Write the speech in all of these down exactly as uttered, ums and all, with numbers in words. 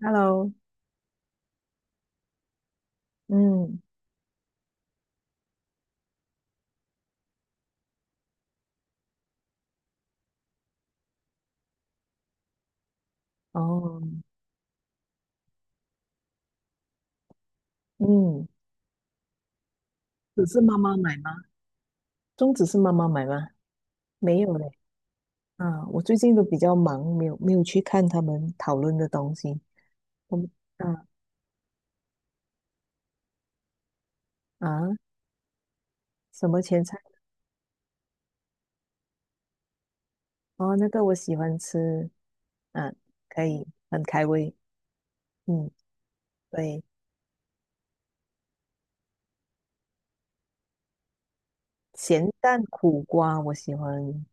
Hello，嗯，哦，嗯，只是妈妈买吗？粽子是妈妈买吗？没有嘞，啊，我最近都比较忙，没有没有去看他们讨论的东西。我们啊啊，什么前菜？哦，那个我喜欢吃，啊，可以，很开胃。嗯，对，咸蛋苦瓜我喜欢。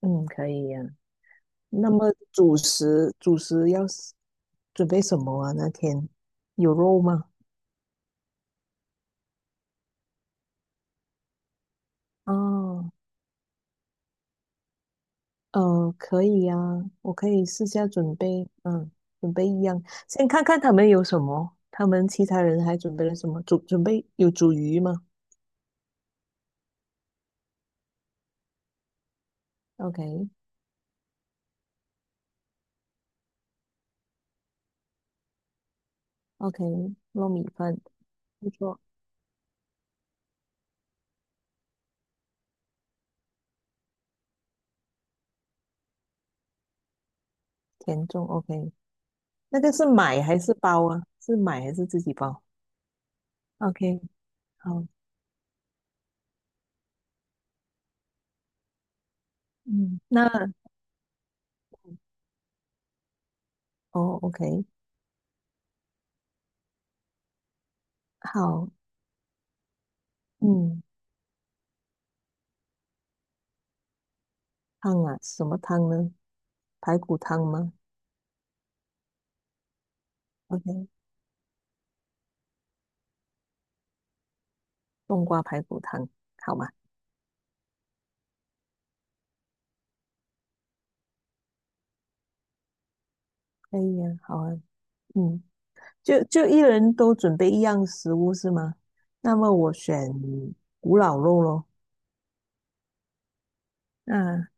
嗯，可以呀、那么主食主食要是准备什么啊？那天有肉吗？哦，呃，可以呀、我可以私下准备，嗯，准备一样，先看看他们有什么，他们其他人还准备了什么？煮准备有煮鱼吗？OK OK，糯米饭不错，甜粽 OK，那个是买还是包啊？是买还是自己包？OK，好，嗯，那哦 OK，好，嗯，汤啊，什么汤呢？排骨汤吗？OK，冬瓜排骨汤，好吗？可以呀、好啊，嗯。就就一人都准备一样食物是吗？那么我选古老肉咯。那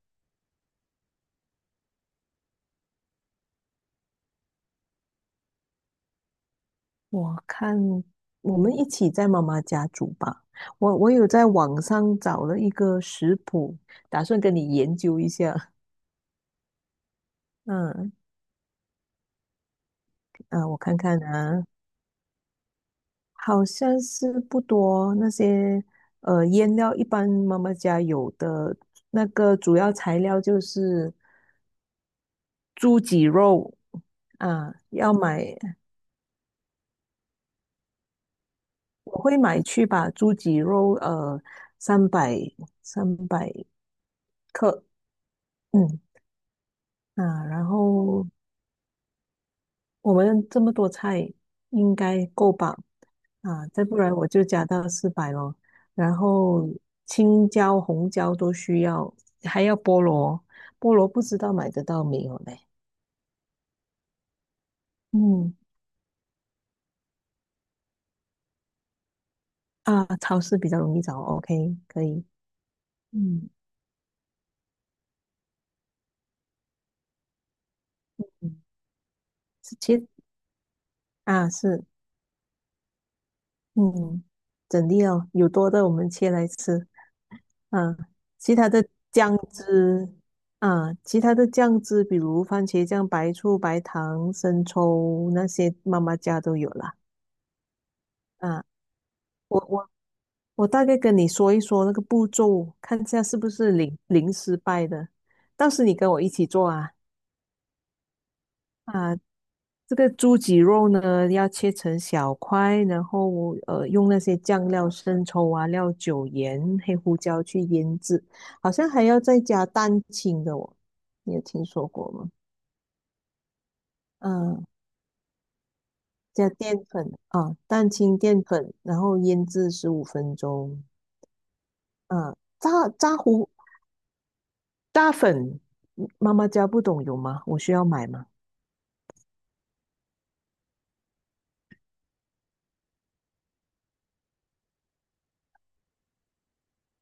我看我们一起在妈妈家煮吧。我我有在网上找了一个食谱，打算跟你研究一下。嗯啊，我看看啊，好像是不多那些呃腌料，一般妈妈家有的那个主要材料就是猪脊肉啊，要买我会买去把猪脊肉呃三百三百克，嗯啊，然后我们这么多菜应该够吧？啊，再不然我就加到四百咯。然后青椒、红椒都需要，还要菠萝，菠萝不知道买得到没有嘞？嗯啊，超市比较容易找，OK，可以。嗯嗯，是切啊，是嗯，整粒哦，有多的我们切来吃。嗯，其他的酱汁啊，其他的酱汁，比如番茄酱、白醋、白糖、生抽那些，妈妈家都有啦。啊，我我我大概跟你说一说那个步骤，看一下是不是零零失败的。到时你跟我一起做啊。啊，这个猪脊肉呢，要切成小块，然后呃，用那些酱料、生抽啊、料酒、盐、黑胡椒去腌制，好像还要再加蛋清的哦，你有听说过吗？嗯，加淀粉啊，蛋清、淀粉，然后腌制十五分钟。嗯，炸炸糊炸粉，妈妈家不懂有吗？我需要买吗？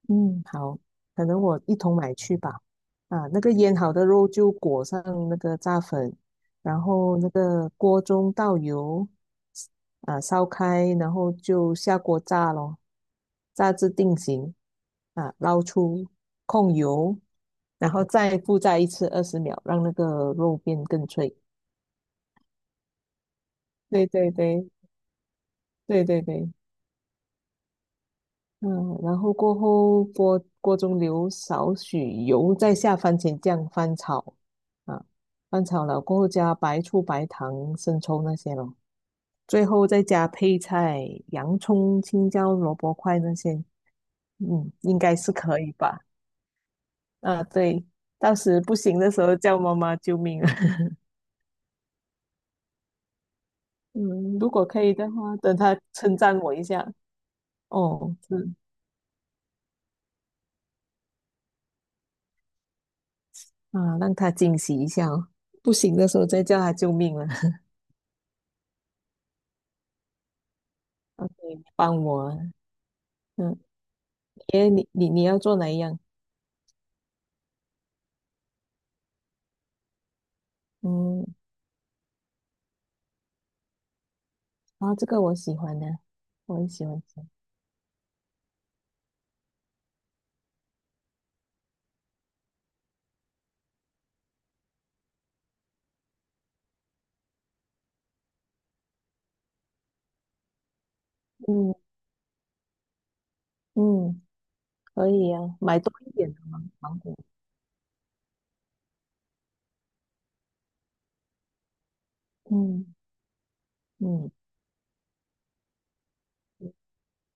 嗯，好，可能我一同买去吧。啊，那个腌好的肉就裹上那个炸粉，然后那个锅中倒油，啊，烧开，然后就下锅炸咯，炸至定型，啊，捞出控油，然后再复炸一次二十秒，让那个肉变更脆。对对对对对对。嗯，然后过后锅锅中留少许油，再下番茄酱翻炒，啊，翻炒了过后加白醋、白糖、生抽那些咯，最后再加配菜，洋葱、青椒、萝卜块那些，嗯，应该是可以吧？啊，对，到时不行的时候叫妈妈救命啊！嗯，如果可以的话，等他称赞我一下，哦，是啊，让他惊喜一下哦，不行的时候再叫他救命了。OK，帮我。嗯，耶，你你你要做哪一样？嗯，啊，这个我喜欢的，我也喜欢吃。嗯嗯，可以啊，买多一点的芒芒果。嗯嗯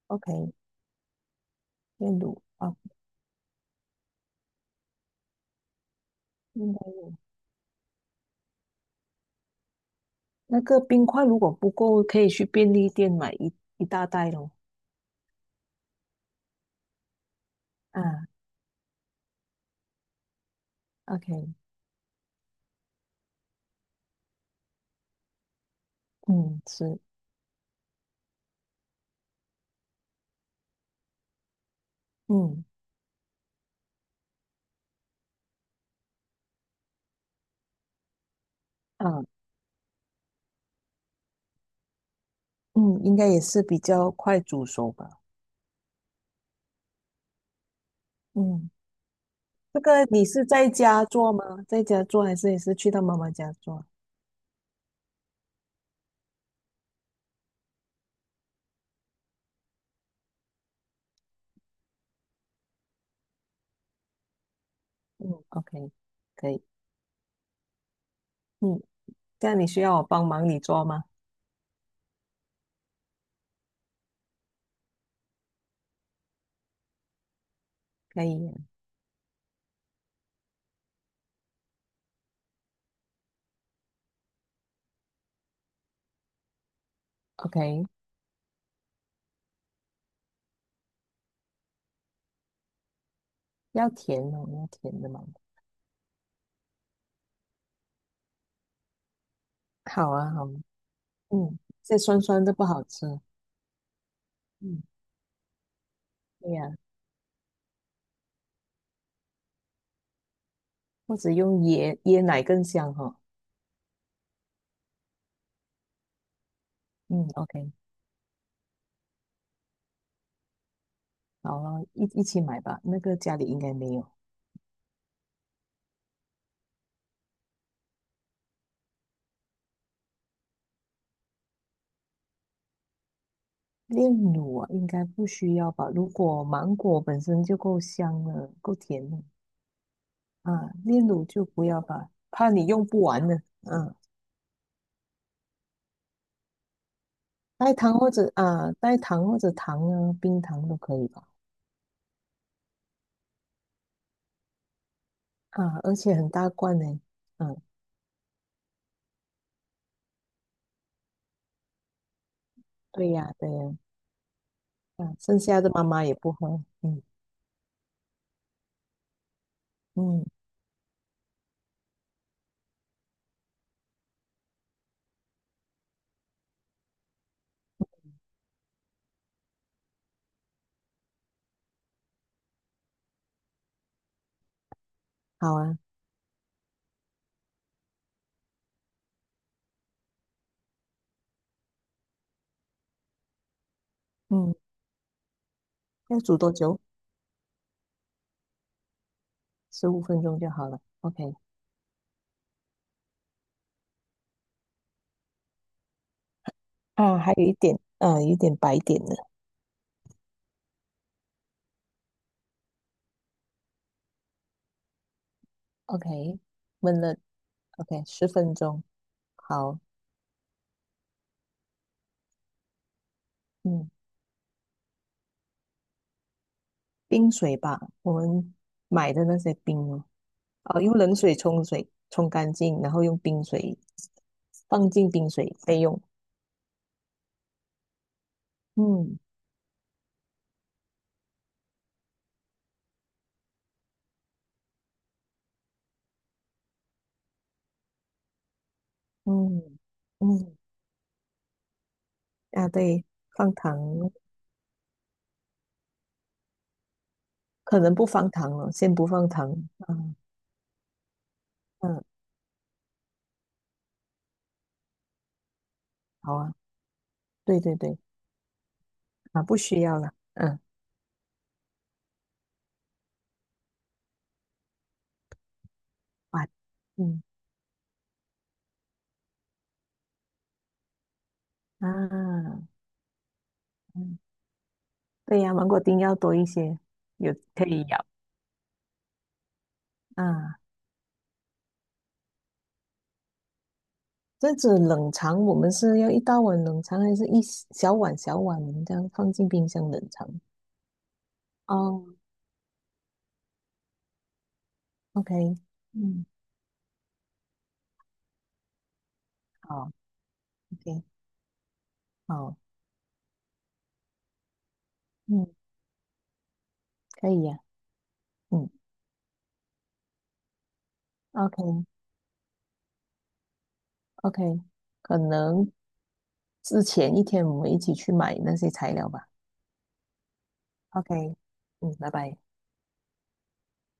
，OK，炼乳啊，应该有。那个冰块如果不够，可以去便利店买一一大袋咯。啊，OK，嗯，是，嗯啊，嗯，应该也是比较快煮熟吧。嗯，这个你是在家做吗？在家做还是也是去到妈妈家做？嗯，OK，可以。嗯，这样你需要我帮忙你做吗？可以 o k 要甜哦，要甜的嘛。好啊，好啊嗯，这酸酸的不好吃。嗯，对呀、或者用椰椰奶更香哈、嗯，OK，好了，一一起买吧。那个家里应该没有炼乳啊，应该不需要吧？如果芒果本身就够香了，够甜了啊，炼乳就不要吧，怕你用不完呢。嗯，代糖或者啊，代糖或者糖啊，冰糖都可以吧。啊，而且很大罐呢。嗯，对呀，对呀，嗯，剩下的妈妈也不喝。嗯嗯，好啊，嗯，要煮多久？十五分钟就好了。OK。啊，还有一点，啊，有一点白点的。OK，闷了。OK，十分钟。好，嗯，冰水吧，我们买的那些冰哦，哦，用冷水冲水，冲干净，然后用冰水放进冰水备用。嗯嗯嗯，啊，对，放糖可能不放糖了，先不放糖。嗯嗯，好啊，对对对，啊，不需要了。嗯，啊，嗯啊，嗯，对呀、芒果丁要多一些，有可以咬。啊，这样子冷藏，我们是要一大碗冷藏，还是一小碗小碗这样放进冰箱冷藏？哦，OK，嗯，好，OK，好，嗯，可以呀、嗯，OK，OK，可能之前一天我们一起去买那些材料吧。OK，嗯，拜拜。